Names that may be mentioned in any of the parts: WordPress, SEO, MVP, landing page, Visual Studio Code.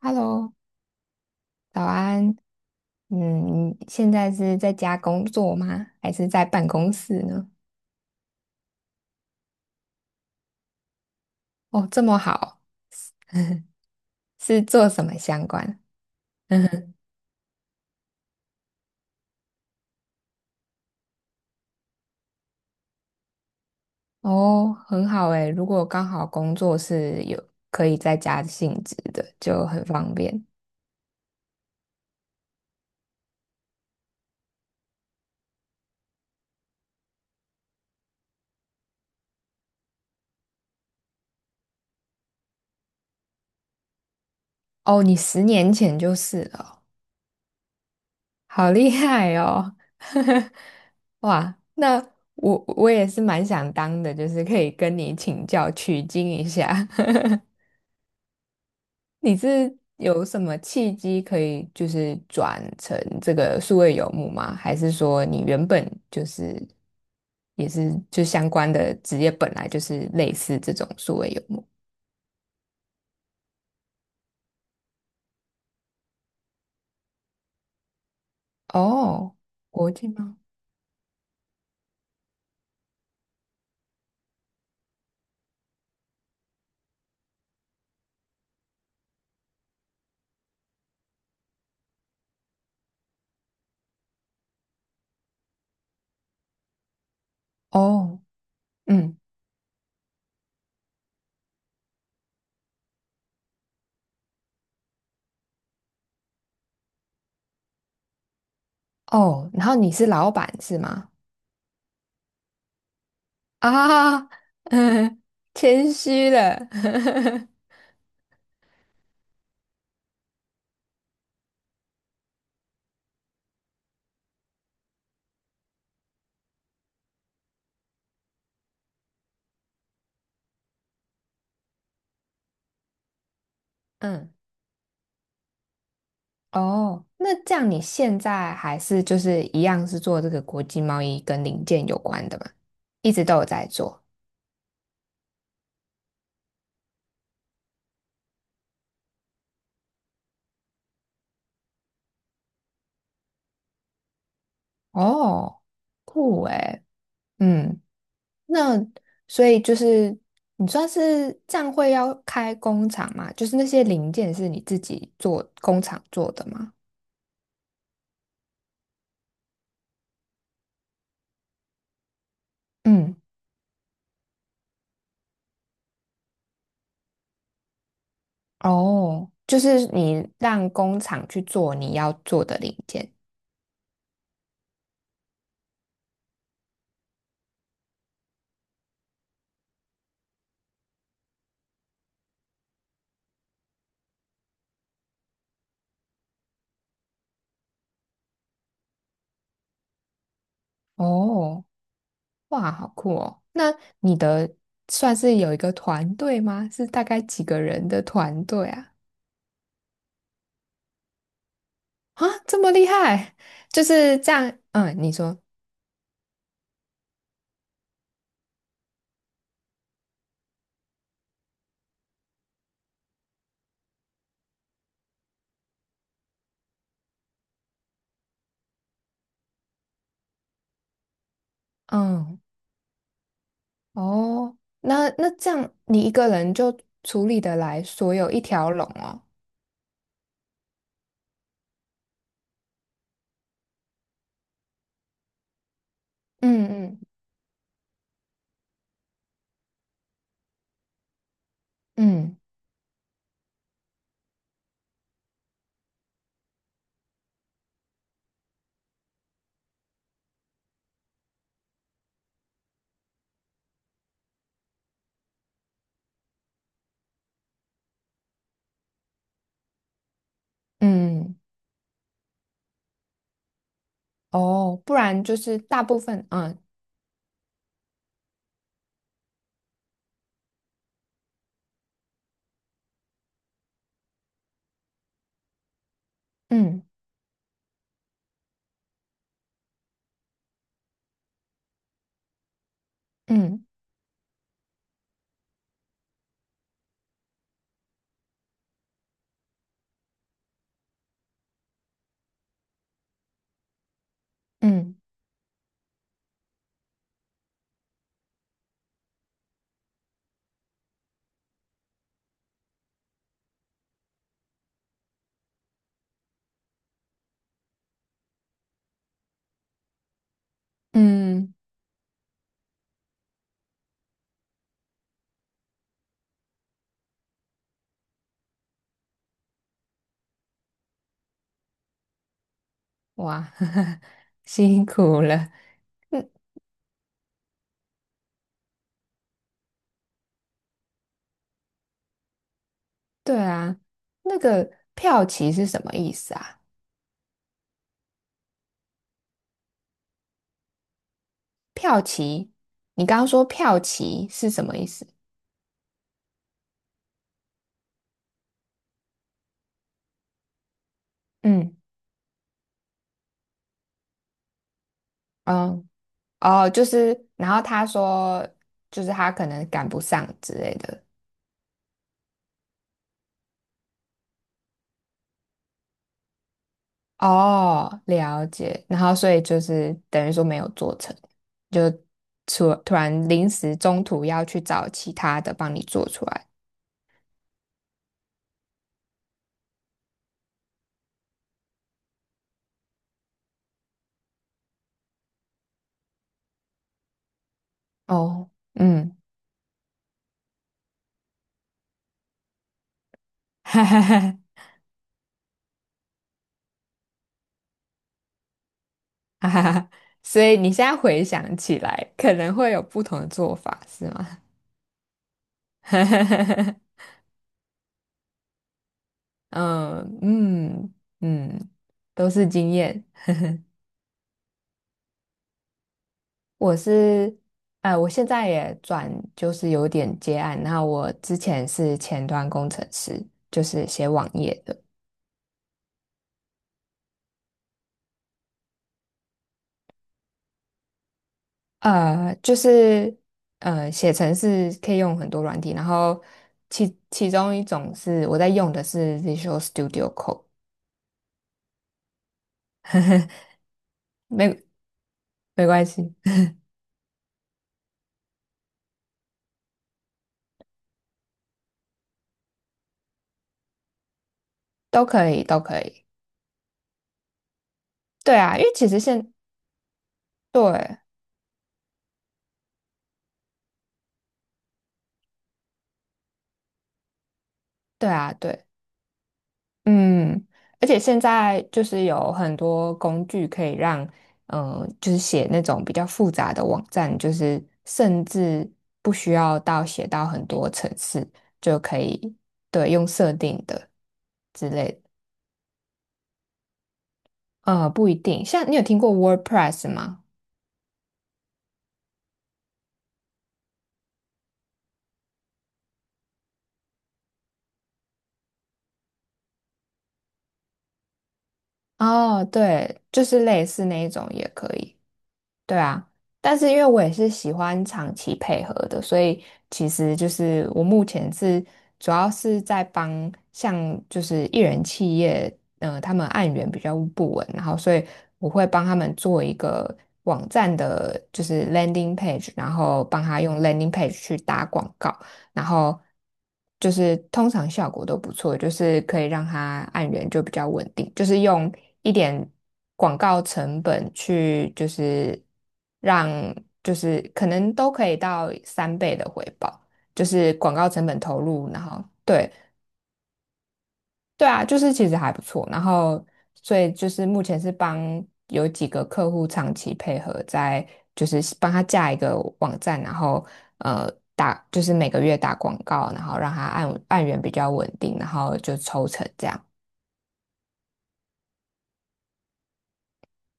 Hello，早安。嗯，你现在是在家工作吗？还是在办公室呢？哦，这么好，是做什么相关？哦，很好诶，如果刚好工作是有可以在家性质的，就很方便。哦，你十年前就是了哦，好厉害哦！哇，那我也是蛮想当的，就是可以跟你请教取经一下。你是有什么契机可以就是转成这个数位游牧吗？还是说你原本就是也是就相关的职业本来就是类似这种数位游牧？哦，国际吗？哦，嗯，哦，然后你是老板是吗？啊，嗯，谦虚了，嗯哦，那这样你现在还是就是一样是做这个国际贸易跟零件有关的嘛？一直都有在做。哦，酷诶，嗯，那所以就是你算是这样会要开工厂嘛？就是那些零件是你自己做工厂做的吗？嗯，哦，就是你让工厂去做你要做的零件。哦。哇，好酷哦！那你的算是有一个团队吗？是大概几个人的团队啊？啊，这么厉害，就是这样。嗯，你说，嗯，哦，那那这样你一个人就处理得来所有一条龙哦。嗯嗯嗯嗯，嗯哦，不然就是大部分，嗯嗯嗯嗯嗯，嗯哇，辛苦了。对啊，那个票期是什么意思啊？票期，你刚刚说票期是什么意思？嗯，哦，哦，就是，然后他说，就是他可能赶不上之类的。哦，了解。然后所以就是等于说没有做成，就突然临时中途要去找其他的帮你做出来。哦，嗯，哈哈哈，哈哈哈。所以你现在回想起来，可能会有不同的做法，是吗？嗯嗯嗯，都是经验。我是，我现在也转，就是有点接案。那我之前是前端工程师，就是写网页的。呃，就是写程式可以用很多软体，然后其中一种是我在用的是 Visual Studio Code，没没关系，都可以，都可以。对啊，因为其实现对对啊，对。嗯，而且现在就是有很多工具可以让，嗯、就是写那种比较复杂的网站，就是甚至不需要到写到很多层次就可以，对，用设定的之类的。不一定，像你有听过 WordPress 吗？哦，对，就是类似那一种也可以。对啊，但是因为我也是喜欢长期配合的，所以其实就是我目前是主要是在帮像就是艺人企业，他们案源比较不稳，然后所以我会帮他们做一个网站的，就是 landing page，然后帮他用 landing page 去打广告。然后就是通常效果都不错，就是可以让它按源就比较稳定，就是用一点广告成本去，就是让就是可能都可以到三倍的回报，就是广告成本投入，然后对。对啊，就是其实还不错。然后，所以就是目前是帮有几个客户长期配合，在就是帮他架一个网站，然后呃打就是每个月打广告，然后让他按源比较稳定，然后就抽成这样。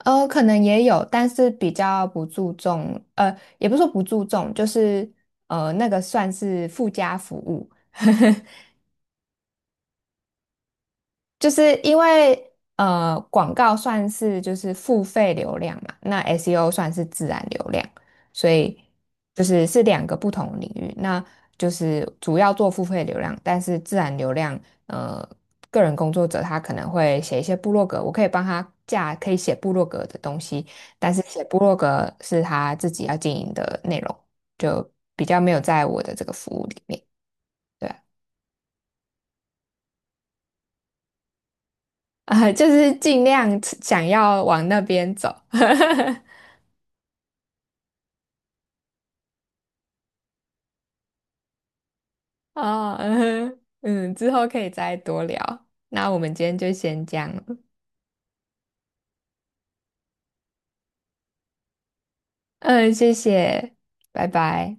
可能也有，但是比较不注重，也不是说不注重，就是那个算是附加服务。就是因为广告算是就是付费流量嘛，那 SEO 算是自然流量，所以就是是两个不同的领域。那就是主要做付费流量，但是自然流量，呃，个人工作者他可能会写一些部落格，我可以帮他架可以写部落格的东西，但是写部落格是他自己要经营的内容，就比较没有在我的这个服务里面。对啊啊、就是尽量想要往那边走。哦，嗯哼嗯，之后可以再多聊。那我们今天就先这样了。嗯，谢谢，拜拜。